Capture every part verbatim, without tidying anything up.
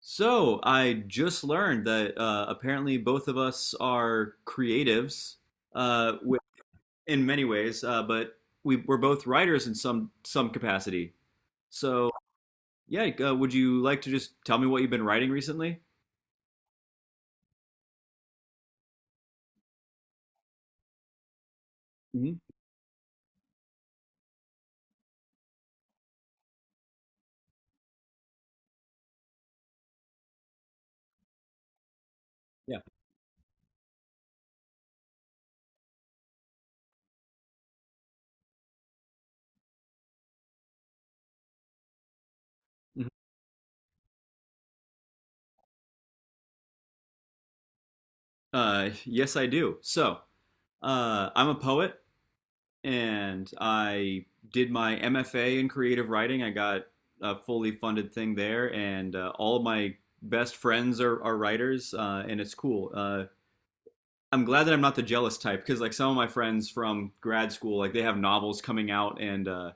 So I just learned that uh, apparently both of us are creatives uh, wi- in many ways, uh, but we, we're both writers in some some capacity. So yeah, like, uh, would you like to just tell me what you've been writing recently? Hmm. Yeah. Mhm. Uh, yes, I do. So uh, I'm a poet. And I did my M F A in creative writing. I got a fully funded thing there, and uh, all of my best friends are, are writers, uh, and it's cool. Uh, I'm glad that I'm not the jealous type because, like, some of my friends from grad school, like, they have novels coming out, and uh,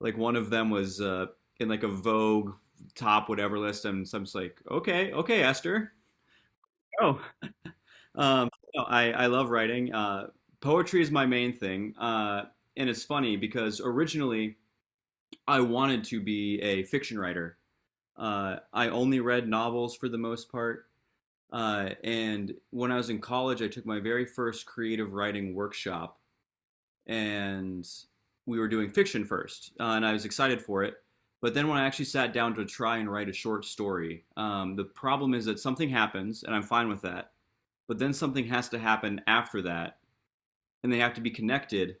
like one of them was uh, in like a Vogue top whatever list, and so I'm just like, okay, okay, Esther. Oh. Um, no, I I love writing. Uh, poetry is my main thing, uh, and it's funny because originally I wanted to be a fiction writer. Uh, I only read novels for the most part. Uh, and when I was in college, I took my very first creative writing workshop, and we were doing fiction first, uh, and I was excited for it. But then when I actually sat down to try and write a short story, um, the problem is that something happens, and I'm fine with that. But then something has to happen after that, and they have to be connected,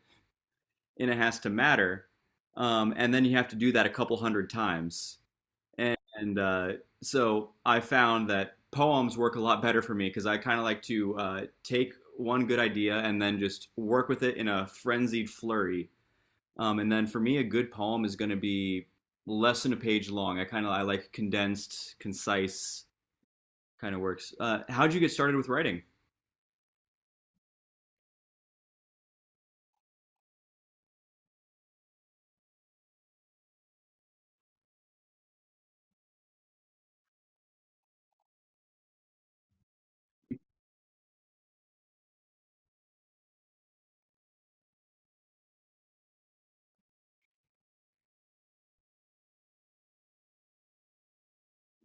and it has to matter. Um, and then you have to do that a couple hundred times. And uh, so I found that poems work a lot better for me because I kind of like to uh, take one good idea and then just work with it in a frenzied flurry. Um, and then for me, a good poem is going to be less than a page long. I kind of I like condensed, concise kind of works. Uh, how'd you get started with writing?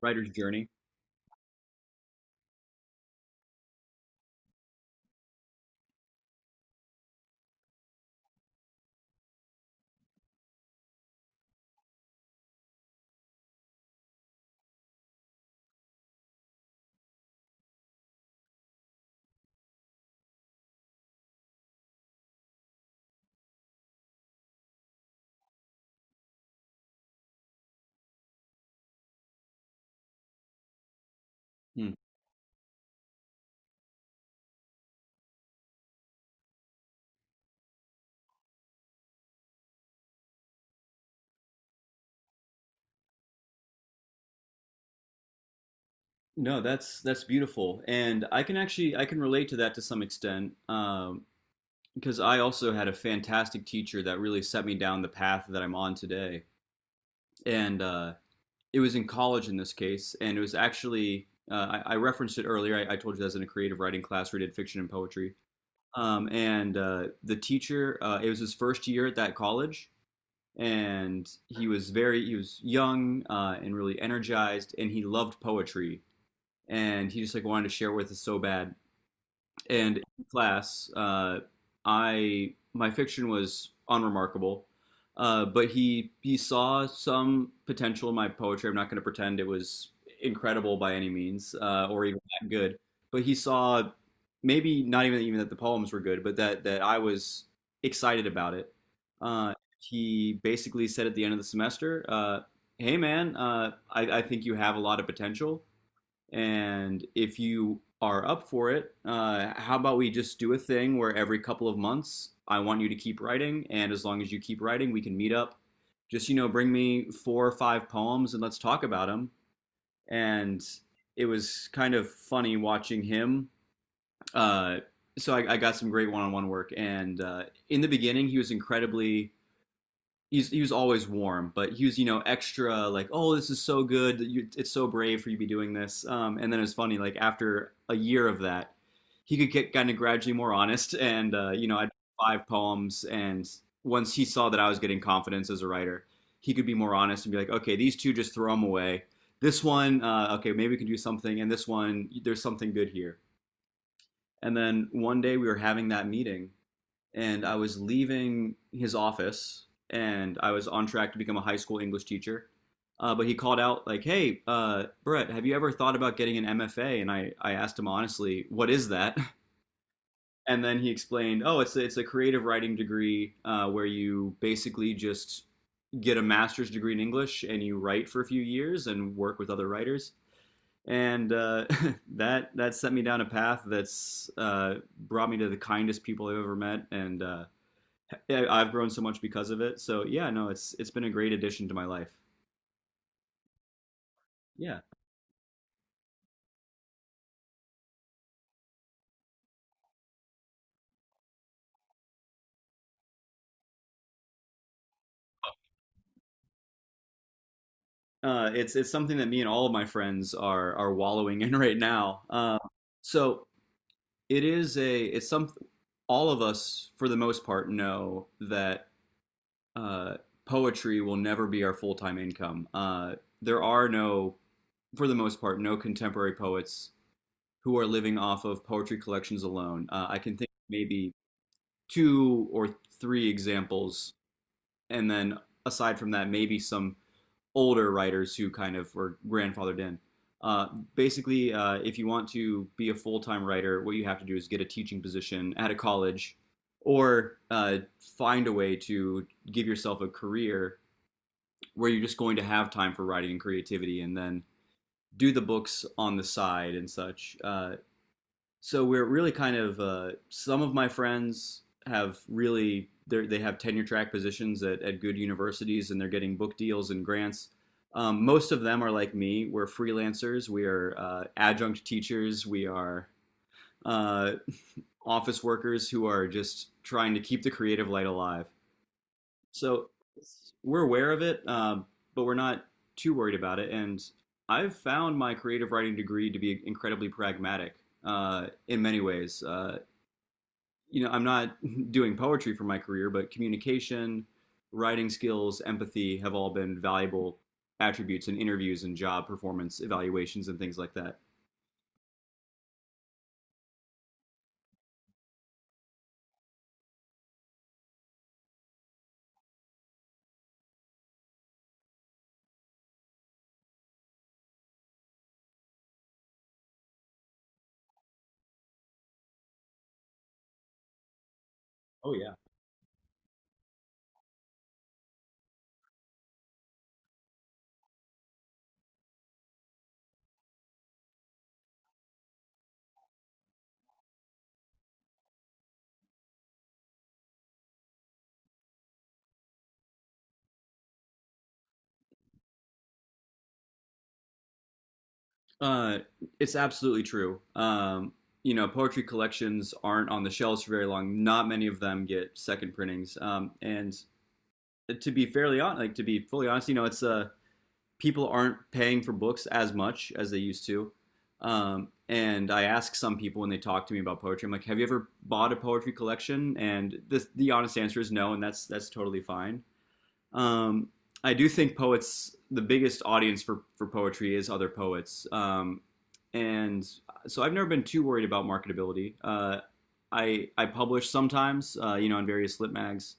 Writer's journey. Hmm. No, that's that's beautiful, and I can actually I can relate to that to some extent. Um, because I also had a fantastic teacher that really set me down the path that I'm on today. And uh, It was in college in this case, and it was actually uh, I, I referenced it earlier. I, I told you that's in a creative writing class where we did fiction and poetry. Um, and uh, The teacher, uh, it was his first year at that college, and he was very he was young, uh, and really energized, and he loved poetry, and he just like wanted to share with us so bad. And in class, uh, I my fiction was unremarkable, uh, but he he saw some potential in my poetry. I'm not going to pretend it was incredible by any means, uh, or even that good. But he saw maybe not even even that the poems were good, but that that I was excited about it. Uh, he basically said at the end of the semester, uh, "Hey man, uh, I, I think you have a lot of potential. And if you are up for it, uh, how about we just do a thing where every couple of months I want you to keep writing, and as long as you keep writing, we can meet up. Just you know, bring me four or five poems and let's talk about them. And it was kind of funny watching him. Uh, so I, I got some great one-on-one work, and uh, in the beginning, he was incredibly he's he was always warm, but he was, you know extra like, oh this is so good, you, it's so brave for you to be doing this. Um, and then it's funny like after a year of that, he could get kind of gradually more honest, and uh, you know I did five poems, and once he saw that I was getting confidence as a writer, he could be more honest and be like okay these two just throw them away. This one, uh, okay maybe we can do something, and this one there's something good here. And then one day we were having that meeting and I was leaving his office, and I was on track to become a high school English teacher. Uh, but he called out like, "Hey, uh, Brett, have you ever thought about getting an M F A?" And I, I asked him honestly, "What is that?" And then he explained, "Oh, it's a, it's a creative writing degree uh, where you basically just get a master's degree in English and you write for a few years and work with other writers." And uh, that that set me down a path that's uh, brought me to the kindest people I've ever met, and uh, yeah, I've grown so much because of it. So yeah, no, it's it's been a great addition to my life. Yeah, uh, it's it's something that me and all of my friends are are wallowing in right now. Uh, so it is a it's some all of us for the most part know that uh, poetry will never be our full time income. Uh, there are no for the most part, no contemporary poets who are living off of poetry collections alone. Uh, I can think of maybe two or three examples, and then aside from that, maybe some older writers who kind of were grandfathered in. Uh, Basically, uh, if you want to be a full time writer, what you have to do is get a teaching position at a college or uh, find a way to give yourself a career where you're just going to have time for writing and creativity and then do the books on the side and such. Uh, so we're really kind of uh, some of my friends have really they they have tenure track positions at, at good universities and they're getting book deals and grants. Um, most of them are like me. We're freelancers. We are uh, adjunct teachers. We are uh, office workers who are just trying to keep the creative light alive. So we're aware of it, um, but we're not too worried about it. And I've found my creative writing degree to be incredibly pragmatic uh, in many ways. Uh, you know, I'm not doing poetry for my career, but communication, writing skills, empathy have all been valuable attributes in interviews and job performance evaluations and things like that. Oh yeah. Uh, it's absolutely true. Um, you know, poetry collections aren't on the shelves for very long. Not many of them get second printings. Um, and to be fairly honest, like to be fully honest, you know, it's a people aren't paying for books as much as they used to. Um, and I ask some people when they talk to me about poetry, I'm like, "Have you ever bought a poetry collection?" And the the honest answer is no, and that's that's totally fine. Um, I do think poets, the biggest audience for for poetry is other poets, um, and so I've never been too worried about marketability. Uh, I I publish sometimes, uh, you know, in various lit mags,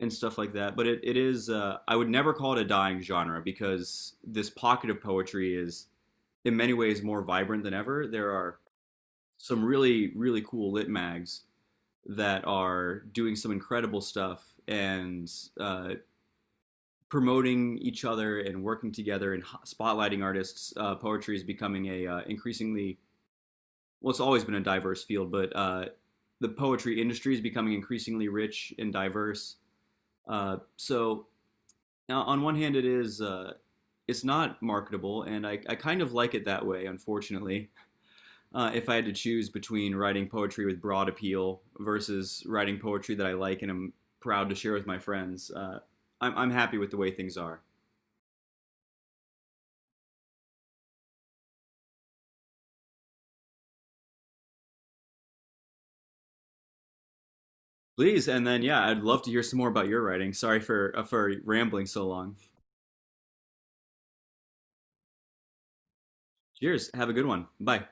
and stuff like that. But it, it is, uh, I would never call it a dying genre because this pocket of poetry is in many ways more vibrant than ever. There are some really, really cool lit mags that are doing some incredible stuff and uh, promoting each other and working together and spotlighting artists. Uh, poetry is becoming a uh, increasingly, well, it's always been a diverse field, but uh, the poetry industry is becoming increasingly rich and diverse. Uh, so Now, on one hand, it is, uh, it's not marketable, and I, I kind of like it that way. Unfortunately, uh, if I had to choose between writing poetry with broad appeal versus writing poetry that I like and am proud to share with my friends, uh, I'm I'm happy with the way things are. Please, and then yeah, I'd love to hear some more about your writing. Sorry for uh, for rambling so long. Cheers. Have a good one. Bye.